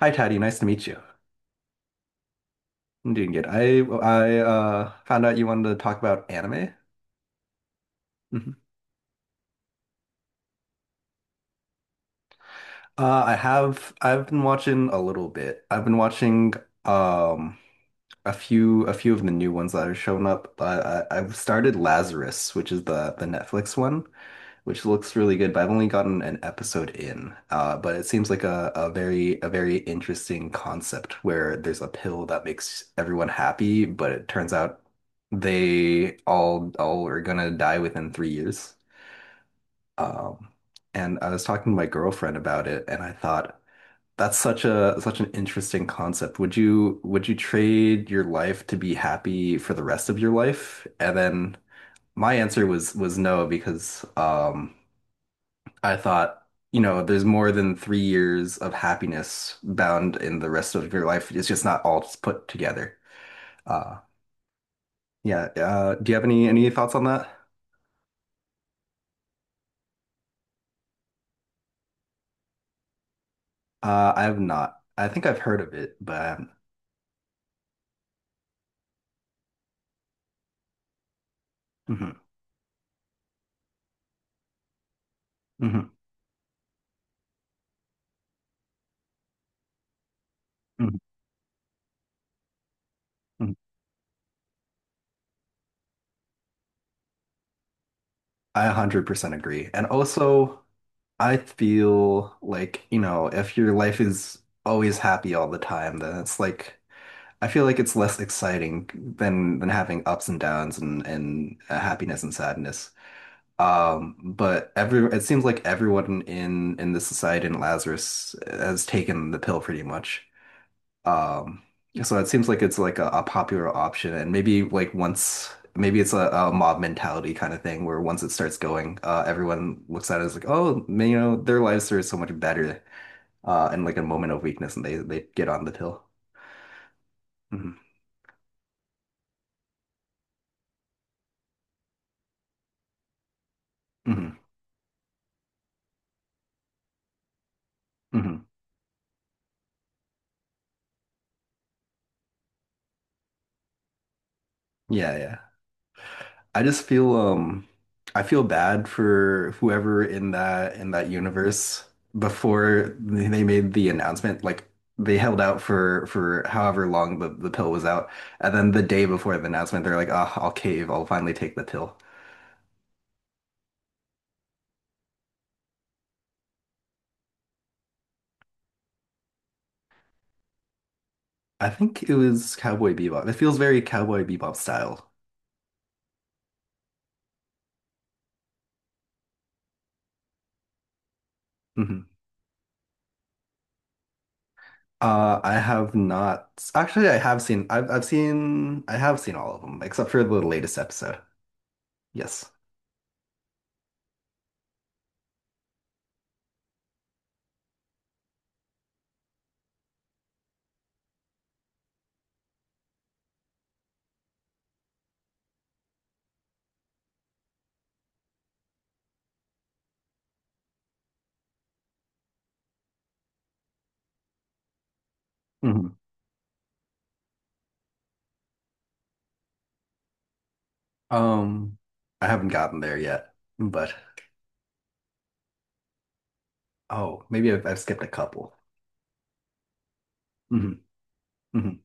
Hi, Taddy. Nice to meet you. I'm doing good. I Found out you wanted to talk about anime. Mhm. I have, I've been watching a little bit. I've been watching um a few of the new ones that have shown up. I started Lazarus, which is the Netflix one, which looks really good, but I've only gotten an episode in. But it seems like a very interesting concept where there's a pill that makes everyone happy, but it turns out they all are gonna die within 3 years. Um, and I was talking to my girlfriend about it, and I thought that's such an interesting concept. Would you trade your life to be happy for the rest of your life? And then my answer was no because I thought, you know, there's more than 3 years of happiness bound in the rest of your life. It's just not all just put together. Uh, yeah. Do you have any thoughts on that? I have not. I think I've heard of it, but I haven't. Mhm, mhm, mhm, mhm. I 100% agree. And also, I feel like, you know, if your life is always happy all the time, then it's like I feel like it's less exciting than having ups and downs and happiness and sadness. But every it seems like everyone in the society in Lazarus has taken the pill pretty much. Um, so it seems like it's like a popular option, and maybe like once maybe it's a mob mentality kind of thing where once it starts going, everyone looks at it as like, oh, man, you know, their lives are so much better, in like a moment of weakness, and they get on the pill. Hmm. Hmm. Hmm. Yeah, yeah. I just feel bad for whoever in that universe before they made the announcement. Like they held out for however long the pill was out. And then the day before the announcement, they're like, "Ah, I'll cave, I'll finally take the pill." I think it was Cowboy Bebop. It feels very Cowboy Bebop style. Hmm. I have not actually. I have seen all of them except for the latest episode. Yes. Mm-hmm. Um, I haven't gotten there yet, but oh, maybe I've skipped a couple. Hmm. Hmm.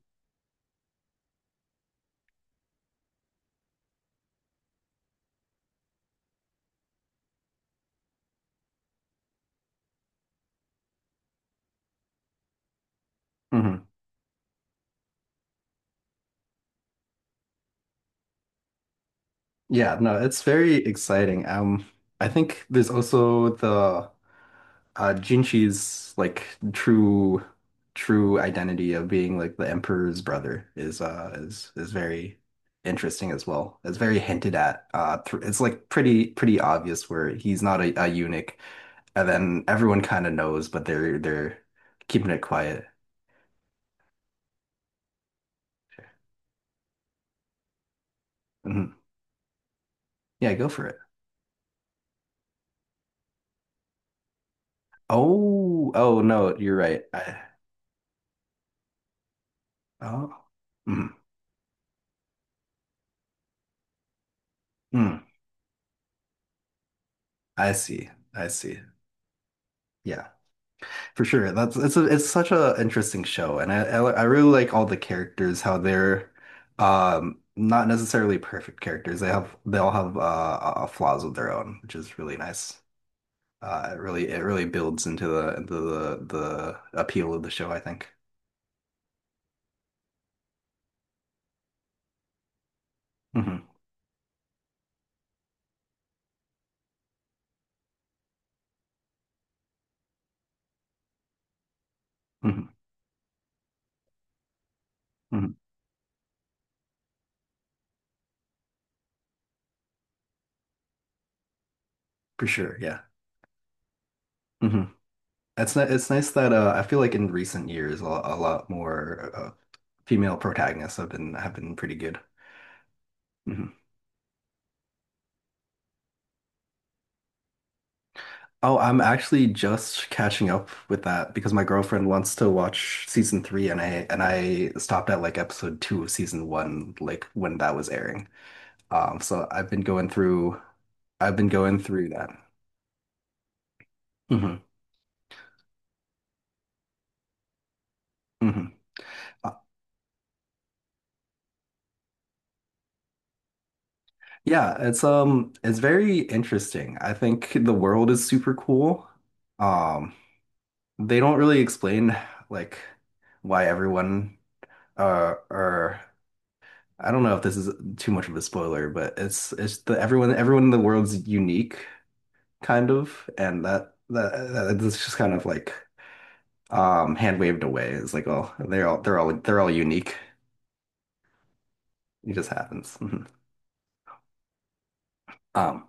Hmm. Yeah, no, it's very exciting. I think there's also the Jinchi's like true true identity of being like the emperor's brother is is very interesting as well. It's very hinted at. Thr It's like pretty obvious where he's not a, a eunuch, and then everyone kind of knows, but they're keeping it quiet. Mm-hmm. Yeah, go for it. Oh, oh no, you're right. I, oh, mm, mm, I see. I see. Yeah, for sure. That's it's such a interesting show, and I really like all the characters, how they're not necessarily perfect characters. They all have flaws of their own, which is really nice. It really it really builds into the the appeal of the show, I think. Hmm. Hmm. Hmm. For sure. Yeah. Mhm. It's nice that I feel like in recent years a lot more female protagonists have been pretty good. Mhm. Oh, I'm actually just catching up with that because my girlfriend wants to watch season three, and I stopped at like episode two of season one, like when that was airing. So I've been going through that. Hmm. Hmm. Uh, yeah, it's very interesting. I think the world is super cool. Um, they don't really explain like why everyone or I don't know if this is too much of a spoiler, but it's the everyone everyone in the world's unique kind of and that it's just kind of like hand waved away. It's like oh they're all they're all unique. It just happens. Mhm. Um,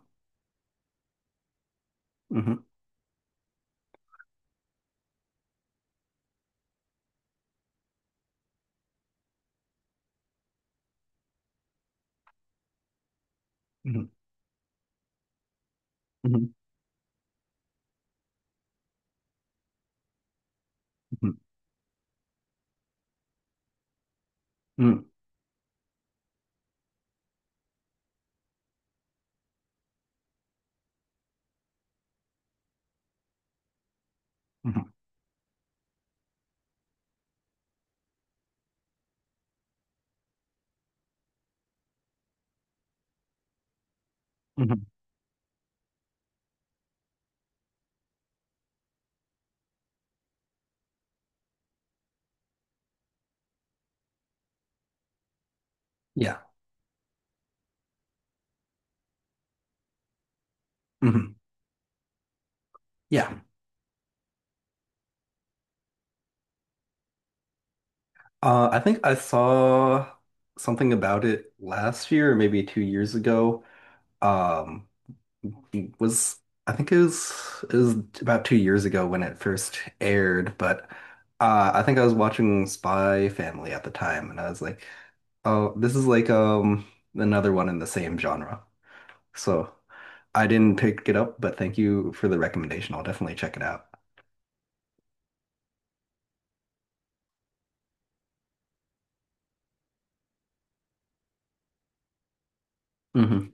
mhm, mhm, mhm, mhm, mhm, mhm, mhm. Yeah. Mhm. Yeah. I think I saw something about it last year or maybe 2 years ago. Um, it was I think it was about 2 years ago when it first aired, but I think I was watching Spy Family at the time, and I was like, oh, this is like another one in the same genre. So I didn't pick it up, but thank you for the recommendation. I'll definitely check it out. Hmm.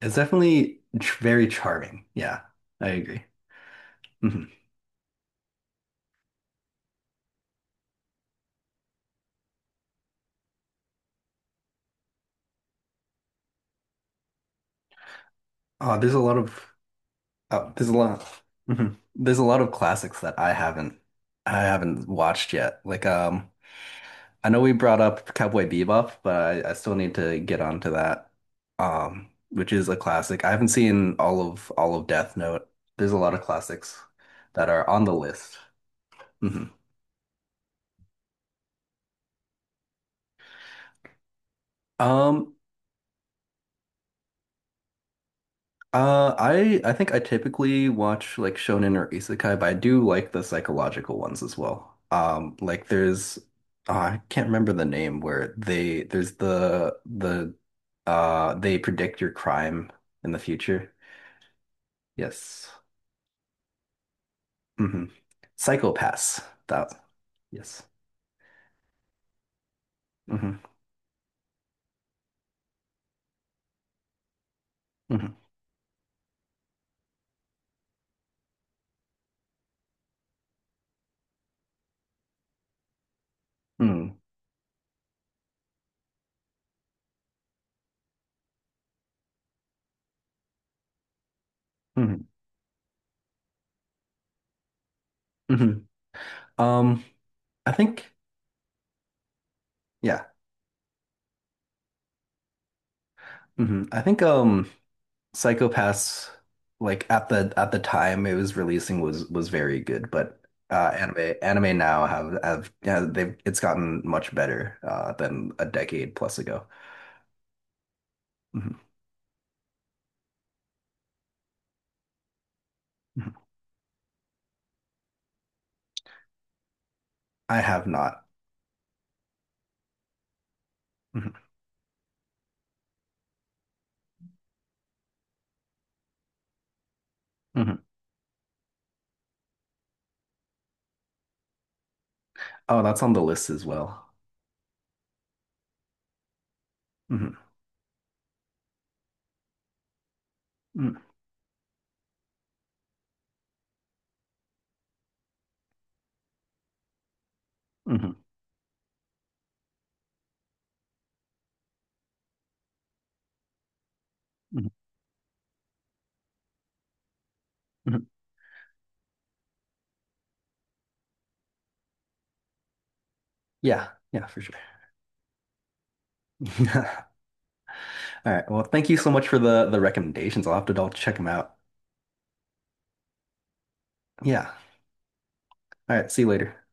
Very charming. Yeah, I agree. Hmm. There's a lot of... Oh, there's a lot. Mhm. There's a lot of classics that I haven't watched yet. Like I know we brought up Cowboy Bebop, but I still need to get onto that. Which is a classic. I haven't seen all of Death Note. There's a lot of classics that are on the list. Mhm. Um, I think I typically watch like shonen or isekai, but I do like the psychological ones as well. Like there's I can't remember the name where they there's they predict your crime in the future. Yes. Hmm. Psychopaths. That. Yes. Hmm. Hmm. Hmm. Hmm. Hmm. Um, I think Yeah. Hmm. I think. Psychopaths, like at the time it was releasing was very good, but anime now have yeah, they've it's gotten much better than a decade plus ago. Mhm. Mhm. I have not. Mhm. Mhm. Oh, that's on the list as well. Mhm. Mhm. Mhm. Mhm. Mhm. Yeah, yeah, for sure. All right. Well, thank you so much for the recommendations. I'll have to double check them out. Yeah. All right, see you later.